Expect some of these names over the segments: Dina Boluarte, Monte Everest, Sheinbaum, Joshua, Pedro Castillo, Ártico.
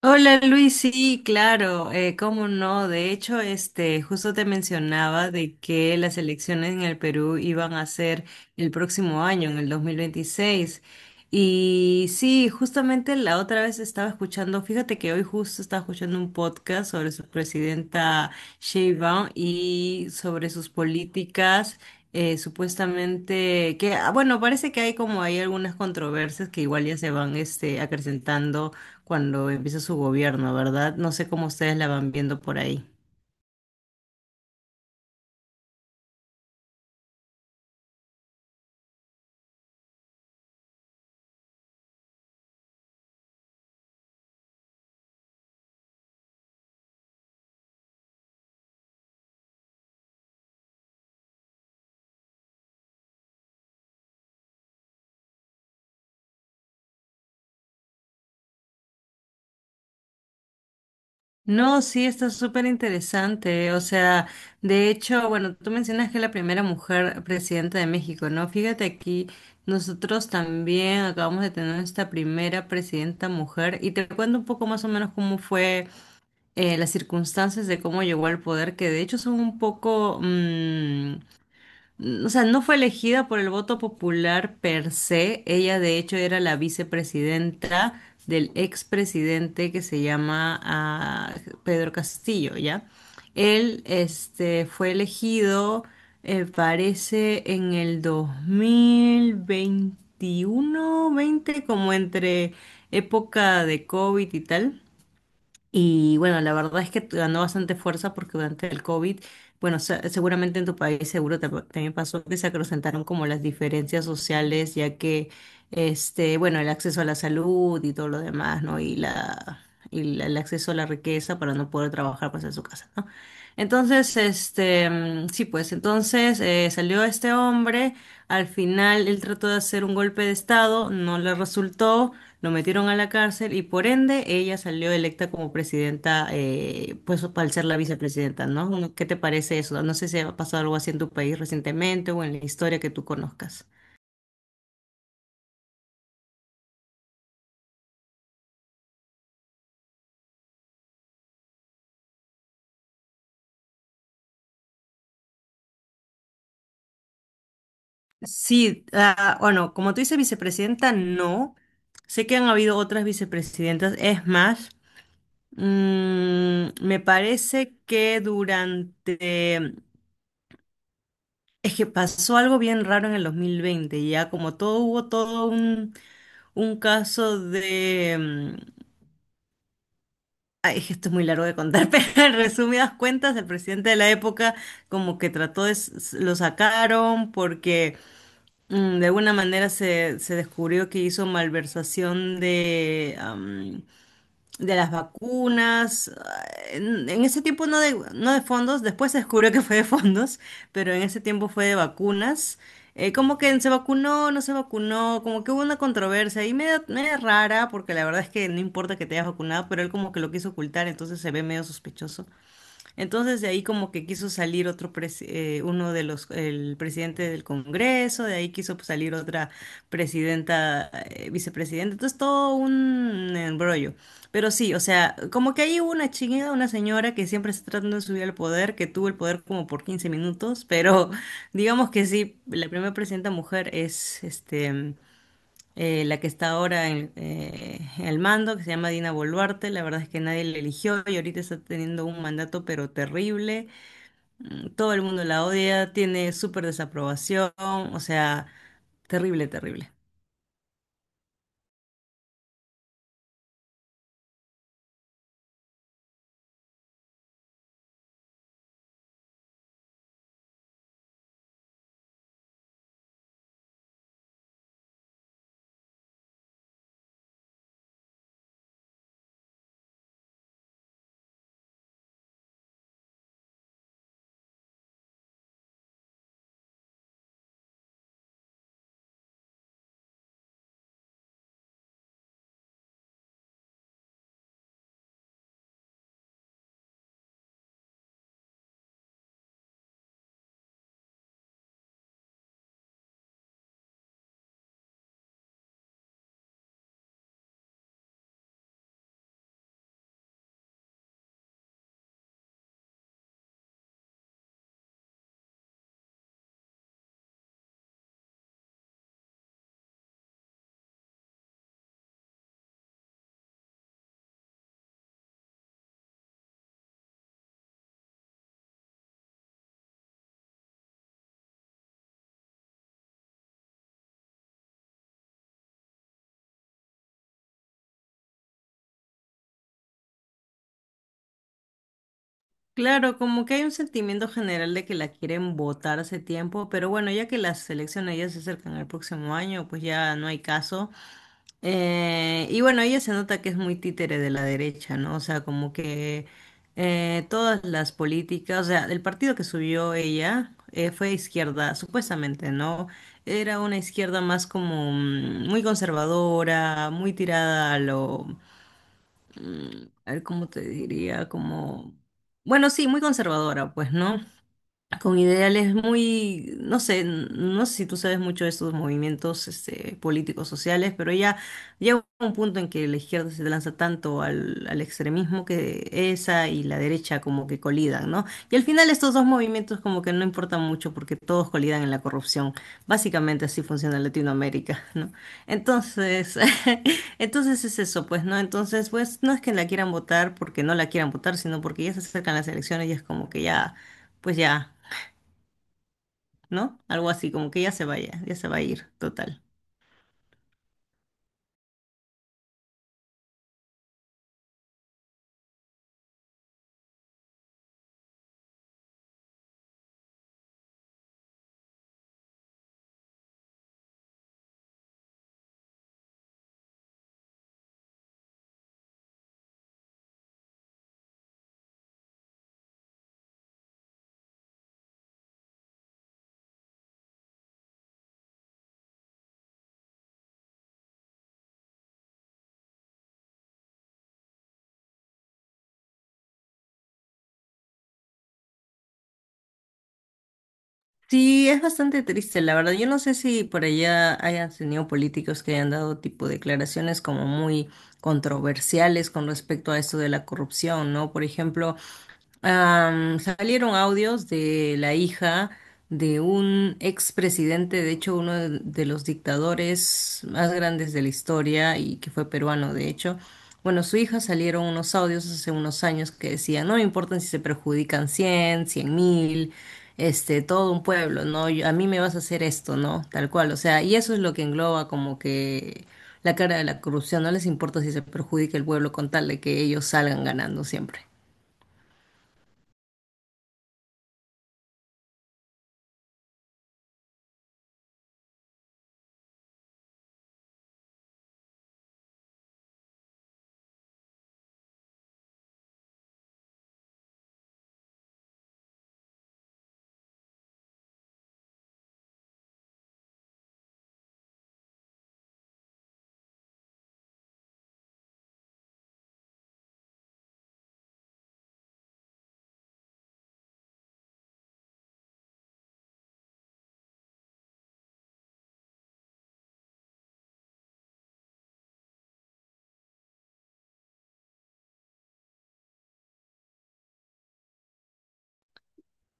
Hola Luis, sí, claro, cómo no. De hecho, este, justo te mencionaba de que las elecciones en el Perú iban a ser el próximo año, en el 2026. Y sí, justamente la otra vez estaba escuchando, fíjate que hoy justo estaba escuchando un podcast sobre su presidenta Sheinbaum y sobre sus políticas. Supuestamente que, bueno, parece que hay algunas controversias que igual ya se van este, acrecentando cuando empieza su gobierno, ¿verdad? No sé cómo ustedes la van viendo por ahí. No, sí, está súper interesante. O sea, de hecho, bueno, tú mencionas que es la primera mujer presidenta de México, ¿no? Fíjate aquí, nosotros también acabamos de tener esta primera presidenta mujer y te cuento un poco más o menos cómo fue las circunstancias de cómo llegó al poder, que de hecho son un poco, o sea, no fue elegida por el voto popular per se. Ella, de hecho, era la vicepresidenta del expresidente que se llama Pedro Castillo, ¿ya? Él, este, fue elegido, parece, en el 2021, 20, como entre época de COVID y tal. Y bueno, la verdad es que ganó bastante fuerza porque durante el COVID, bueno, seguramente en tu país también pasó que se acrecentaron como las diferencias sociales, ya que, este, bueno, el acceso a la salud y todo lo demás, ¿no? El acceso a la riqueza para no poder trabajar pues en su casa, ¿no? Entonces, este, sí, pues entonces salió este hombre, al final él trató de hacer un golpe de estado, no le resultó, lo metieron a la cárcel y por ende ella salió electa como presidenta, pues al ser la vicepresidenta, ¿no? ¿Qué te parece eso? No sé si ha pasado algo así en tu país recientemente o en la historia que tú conozcas. Sí, bueno, como tú dices, vicepresidenta, no. Sé que han habido otras vicepresidentas, es más, me parece que durante... Es que pasó algo bien raro en el 2020, ya como todo hubo todo un caso de... Ay, es que esto es muy largo de contar, pero en resumidas cuentas, el presidente de la época como que trató de, lo sacaron porque de alguna manera se descubrió que hizo malversación de las vacunas. En ese tiempo no no de fondos, después se descubrió que fue de fondos, pero en ese tiempo fue de vacunas. Como que se vacunó, no se vacunó, como que hubo una controversia ahí media, media rara, porque la verdad es que no importa que te hayas vacunado, pero él como que lo quiso ocultar, entonces se ve medio sospechoso. Entonces de ahí como que quiso salir otro uno de los el presidente del Congreso, de ahí quiso, pues, salir otra presidenta, vicepresidenta. Entonces todo un embrollo. Pero sí, o sea, como que ahí hubo una chingada, una señora que siempre está tratando de subir al poder, que tuvo el poder como por 15 minutos, pero digamos que sí, la primera presidenta mujer es la que está ahora en el mando, que se llama Dina Boluarte. La verdad es que nadie la eligió y ahorita está teniendo un mandato pero terrible. Todo el mundo la odia, tiene súper desaprobación, o sea, terrible, terrible. Claro, como que hay un sentimiento general de que la quieren votar hace tiempo, pero bueno, ya que las elecciones ya se acercan al próximo año, pues ya no hay caso. Y bueno, ella se nota que es muy títere de la derecha, ¿no? O sea, como que todas las políticas, o sea, el partido que subió ella fue izquierda, supuestamente, ¿no? Era una izquierda más como muy conservadora, muy tirada a lo a ver cómo te diría, como, bueno, sí, muy conservadora, pues, ¿no? Con ideales muy, no sé, no sé si tú sabes mucho de estos movimientos este, políticos sociales, pero ya llega un punto en que la izquierda se lanza tanto al extremismo, que esa y la derecha como que colidan, ¿no? Y al final estos dos movimientos como que no importan mucho porque todos colidan en la corrupción. Básicamente así funciona Latinoamérica, ¿no? Entonces, entonces es eso, pues, ¿no? Entonces, pues no es que la quieran votar porque no la quieran votar, sino porque ya se acercan las elecciones y es como que ya, pues ya. ¿No? Algo así, como que ya se vaya, ya se va a ir, total. Sí, es bastante triste, la verdad. Yo no sé si por allá hayan tenido políticos que hayan dado tipo declaraciones como muy controversiales con respecto a esto de la corrupción, ¿no? Por ejemplo, salieron audios de la hija de un expresidente, de hecho uno de los dictadores más grandes de la historia y que fue peruano, de hecho. Bueno, su hija, salieron unos audios hace unos años que decían, no me importan si se perjudican 100.000, este, todo un pueblo, ¿no? A mí me vas a hacer esto, ¿no? Tal cual, o sea, y eso es lo que engloba como que la cara de la corrupción, no les importa si se perjudica el pueblo con tal de que ellos salgan ganando siempre.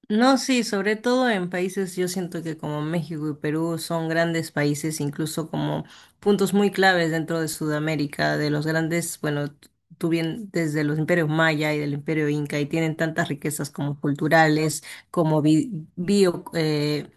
No, sí, sobre todo en países, yo siento que como México y Perú son grandes países, incluso como puntos muy claves dentro de Sudamérica, de los grandes, bueno, tú bien desde los imperios maya y del imperio inca, y tienen tantas riquezas como culturales, como bio, eh,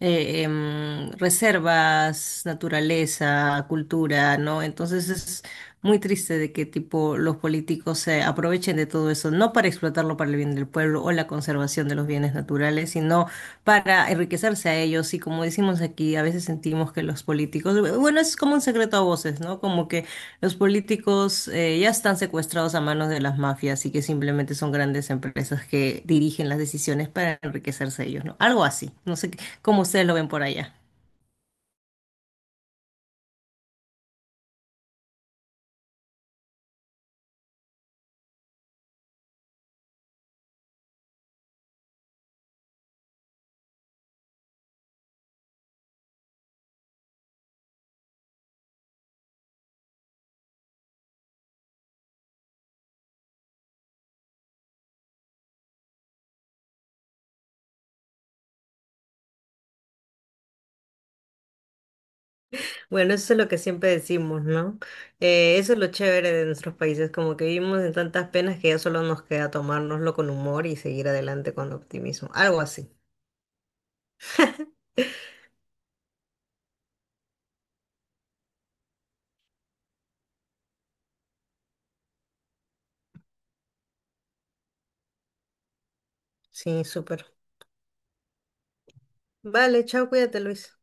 eh, em, reservas, naturaleza, cultura, ¿no? Entonces es muy triste de que tipo los políticos se aprovechen de todo eso, no para explotarlo para el bien del pueblo o la conservación de los bienes naturales, sino para enriquecerse a ellos. Y como decimos aquí, a veces sentimos que los políticos, bueno, es como un secreto a voces, ¿no? Como que los políticos ya están secuestrados a manos de las mafias y que simplemente son grandes empresas que dirigen las decisiones para enriquecerse a ellos, ¿no? Algo así. No sé cómo ustedes lo ven por allá. Bueno, eso es lo que siempre decimos, ¿no? Eso es lo chévere de nuestros países, como que vivimos en tantas penas que ya solo nos queda tomárnoslo con humor y seguir adelante con optimismo, algo así. Sí, súper. Vale, chao, cuídate, Luis.